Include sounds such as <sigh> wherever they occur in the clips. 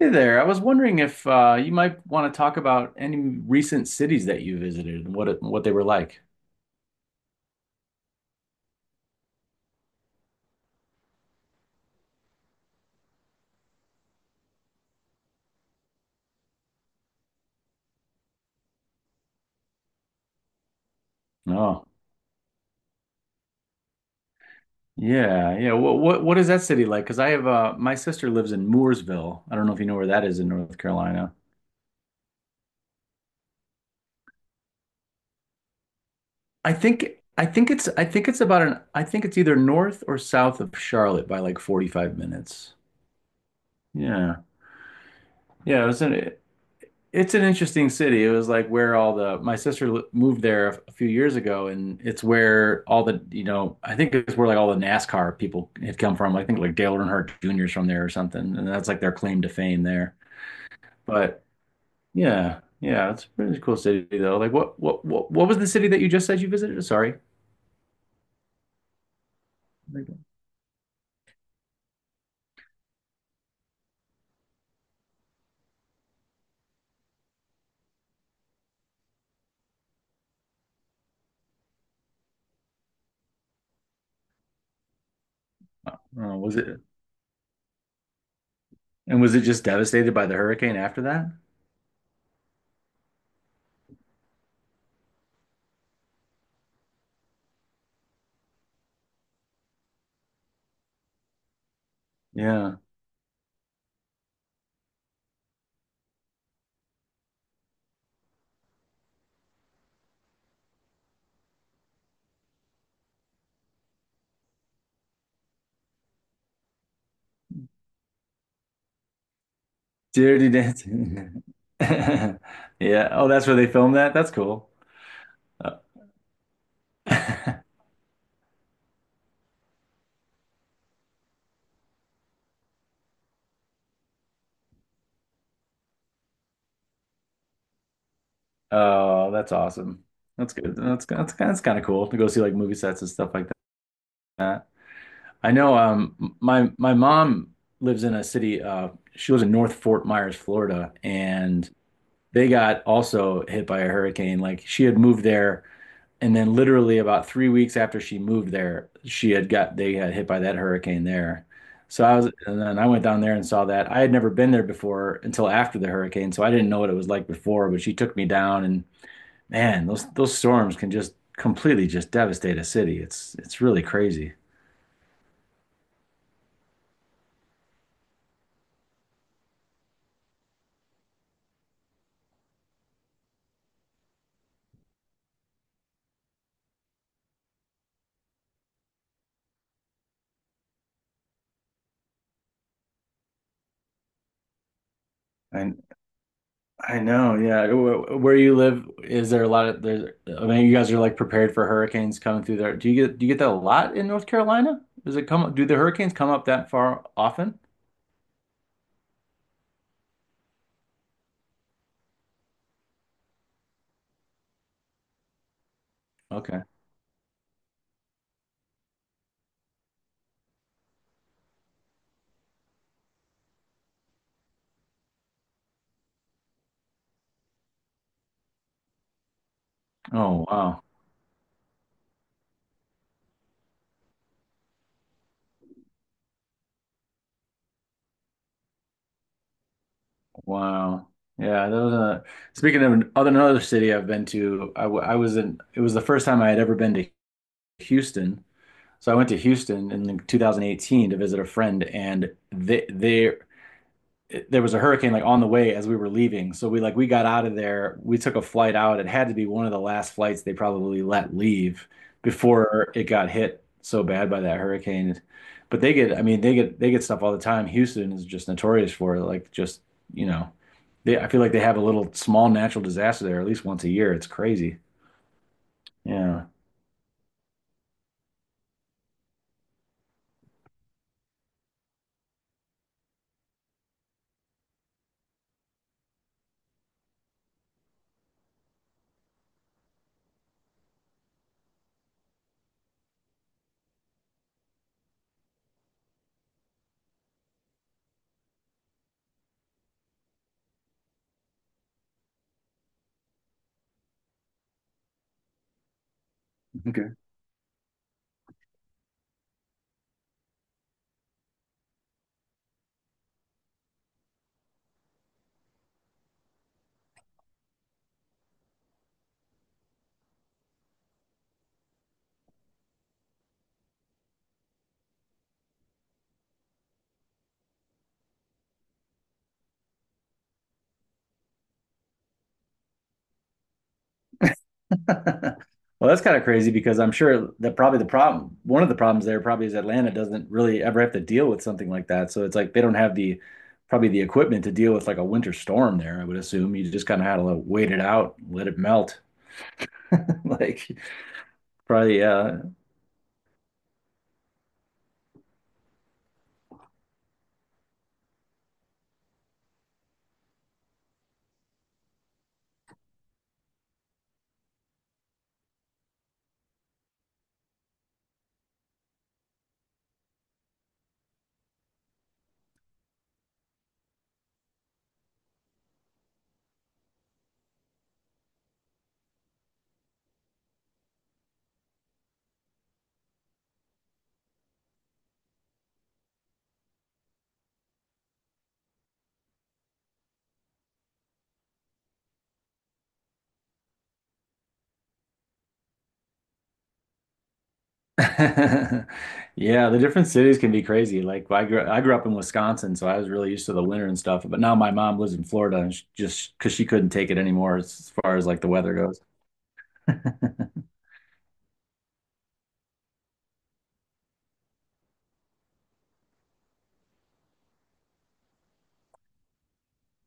Hey there. I was wondering if you might want to talk about any recent cities that you visited and what they were like. Oh, yeah, yeah. What is that city like? Because I have my sister lives in Mooresville. I don't know if you know where that is in North Carolina. I think it's about an I think it's either north or south of Charlotte by like 45 minutes. Yeah, yeah. It's an interesting city. It was like where all the my sister li- moved there a few years ago, and it's where all the I think it's where like all the NASCAR people had come from. I think like Dale Earnhardt Jr.'s from there or something, and that's like their claim to fame there. But yeah, yeah, it's a pretty cool city though. Like what was the city that you just said you visited? Sorry, oh, oh, was it and was it just devastated by the hurricane after that? Yeah, Dirty Dancing. <laughs> Yeah. Oh, that's where they filmed that. That's cool. Uh, <laughs> Oh, that's awesome. That's good. That's kind of cool to go see like movie sets and stuff like that. I know my mom lives in a city she lives in North Fort Myers, Florida, and they got also hit by a hurricane. Like she had moved there and then literally about 3 weeks after she moved there, she had got they had hit by that hurricane there. So I was and then I went down there and saw that. I had never been there before until after the hurricane, so I didn't know what it was like before, but she took me down and man, those storms can just completely just devastate a city. It's really crazy. I I know, yeah. Where you live, is there a lot of there's I mean, you guys are like prepared for hurricanes coming through there. Do you get that a lot in North Carolina? Does it come do the hurricanes come up that far often? Okay. Oh, wow. Wow. Yeah, that was a, speaking of another city I've been to, I, w- I was in it was the first time I had ever been to Houston. So I went to Houston in 2018 to visit a friend, and they there was a hurricane like on the way as we were leaving. So we got out of there. We took a flight out. It had to be one of the last flights they probably let leave before it got hit so bad by that hurricane. But I mean, they get stuff all the time. Houston is just notorious for it. Like just, you know, they I feel like they have a little small natural disaster there at least once a year. It's crazy. Yeah. Okay. <laughs> Well, that's kind of crazy because I'm sure that one of the problems there probably is Atlanta doesn't really ever have to deal with something like that. So it's like they don't have the probably the equipment to deal with like a winter storm there, I would assume. You just kind of had to like, wait it out, let it melt. <laughs> Like probably <laughs> yeah, the different cities can be crazy. Like I grew up in Wisconsin, so I was really used to the winter and stuff, but now my mom lives in Florida just because she couldn't take it anymore as far as like the weather goes. <laughs>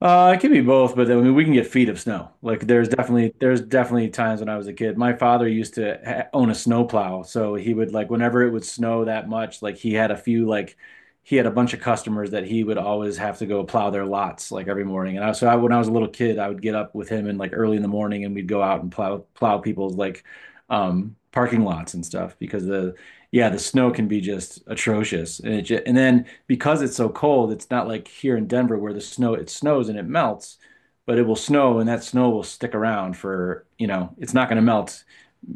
It could be both, but then we can get feet of snow. Like there's definitely times when I was a kid. My father used to ha own a snowplow, so he would like whenever it would snow that much, like he had a bunch of customers that he would always have to go plow their lots like every morning. And I, when I was a little kid, I would get up with him and like early in the morning, and we'd go out and plow people's like parking lots and stuff because the snow can be just atrocious and then because it's so cold, it's not like here in Denver where the snow it snows and it melts, but it will snow and that snow will stick around for, you know, it's not going to melt,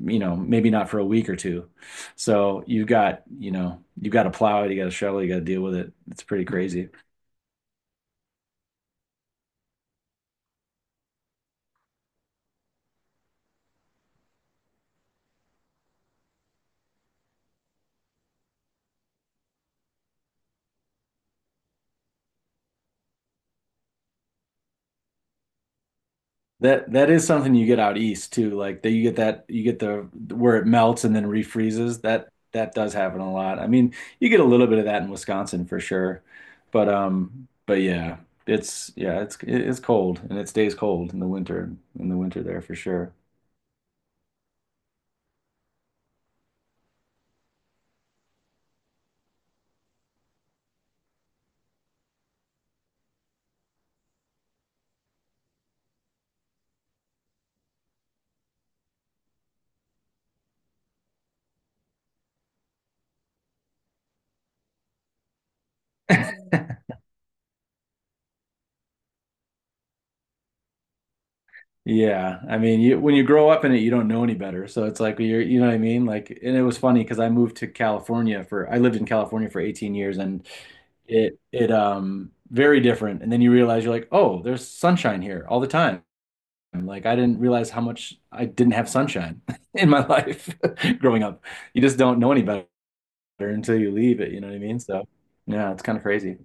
you know, maybe not for a week or two. So you've got, you know, you've got to plow it, you got to shovel, you got to deal with it. It's pretty crazy. That is something you get out east too. Like that you get the where it melts and then refreezes. That does happen a lot. I mean, you get a little bit of that in Wisconsin for sure. But yeah, it's cold and it stays cold in the winter there for sure. Yeah, I mean, you when you grow up in it, you don't know any better. So it's like you're, you know what I mean? Like, and it was funny because I lived in California for 18 years, and it very different. And then you realize you're like, oh, there's sunshine here all the time. Like I didn't realize how much I didn't have sunshine <laughs> in my life <laughs> growing up. You just don't know any better until you leave it. You know what I mean? So yeah, it's kind of crazy.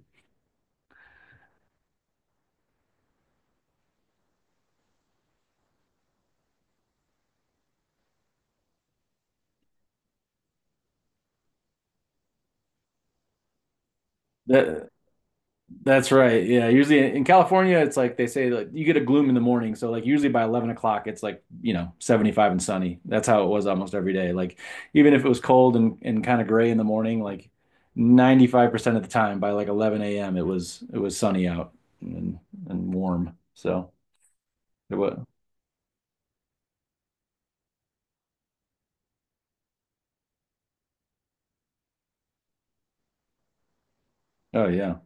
That's right. Yeah. Usually in California, it's like they say like you get a gloom in the morning. So like usually by 11 o'clock, it's like, you know, 75 and sunny. That's how it was almost every day. Like even if it was cold and kind of gray in the morning, like 95% of the time by like 11 a.m. It was sunny out and and warm. So it was, oh yeah.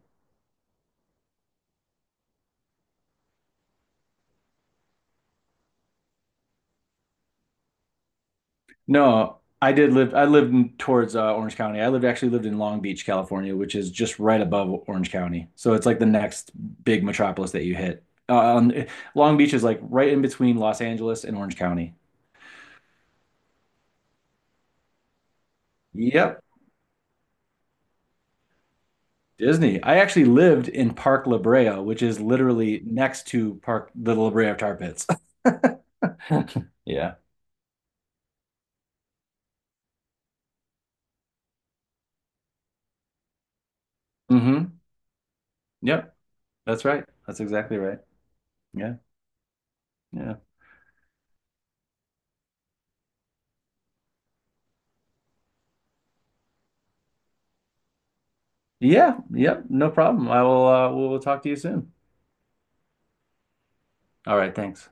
No, I did live. I lived in, towards Orange County. I lived actually lived in Long Beach, California, which is just right above Orange County. So it's like the next big metropolis that you hit. Long Beach is like right in between Los Angeles and Orange County. Yep, Disney. I actually lived in Park La Brea, which is literally next to Park the La Brea Tar Pits. <laughs> Yeah. Mm-hmm. Yep. That's right. That's exactly right. Yeah. Yeah. Yeah. Yep. No problem. I will. We'll talk to you soon. All right. Thanks.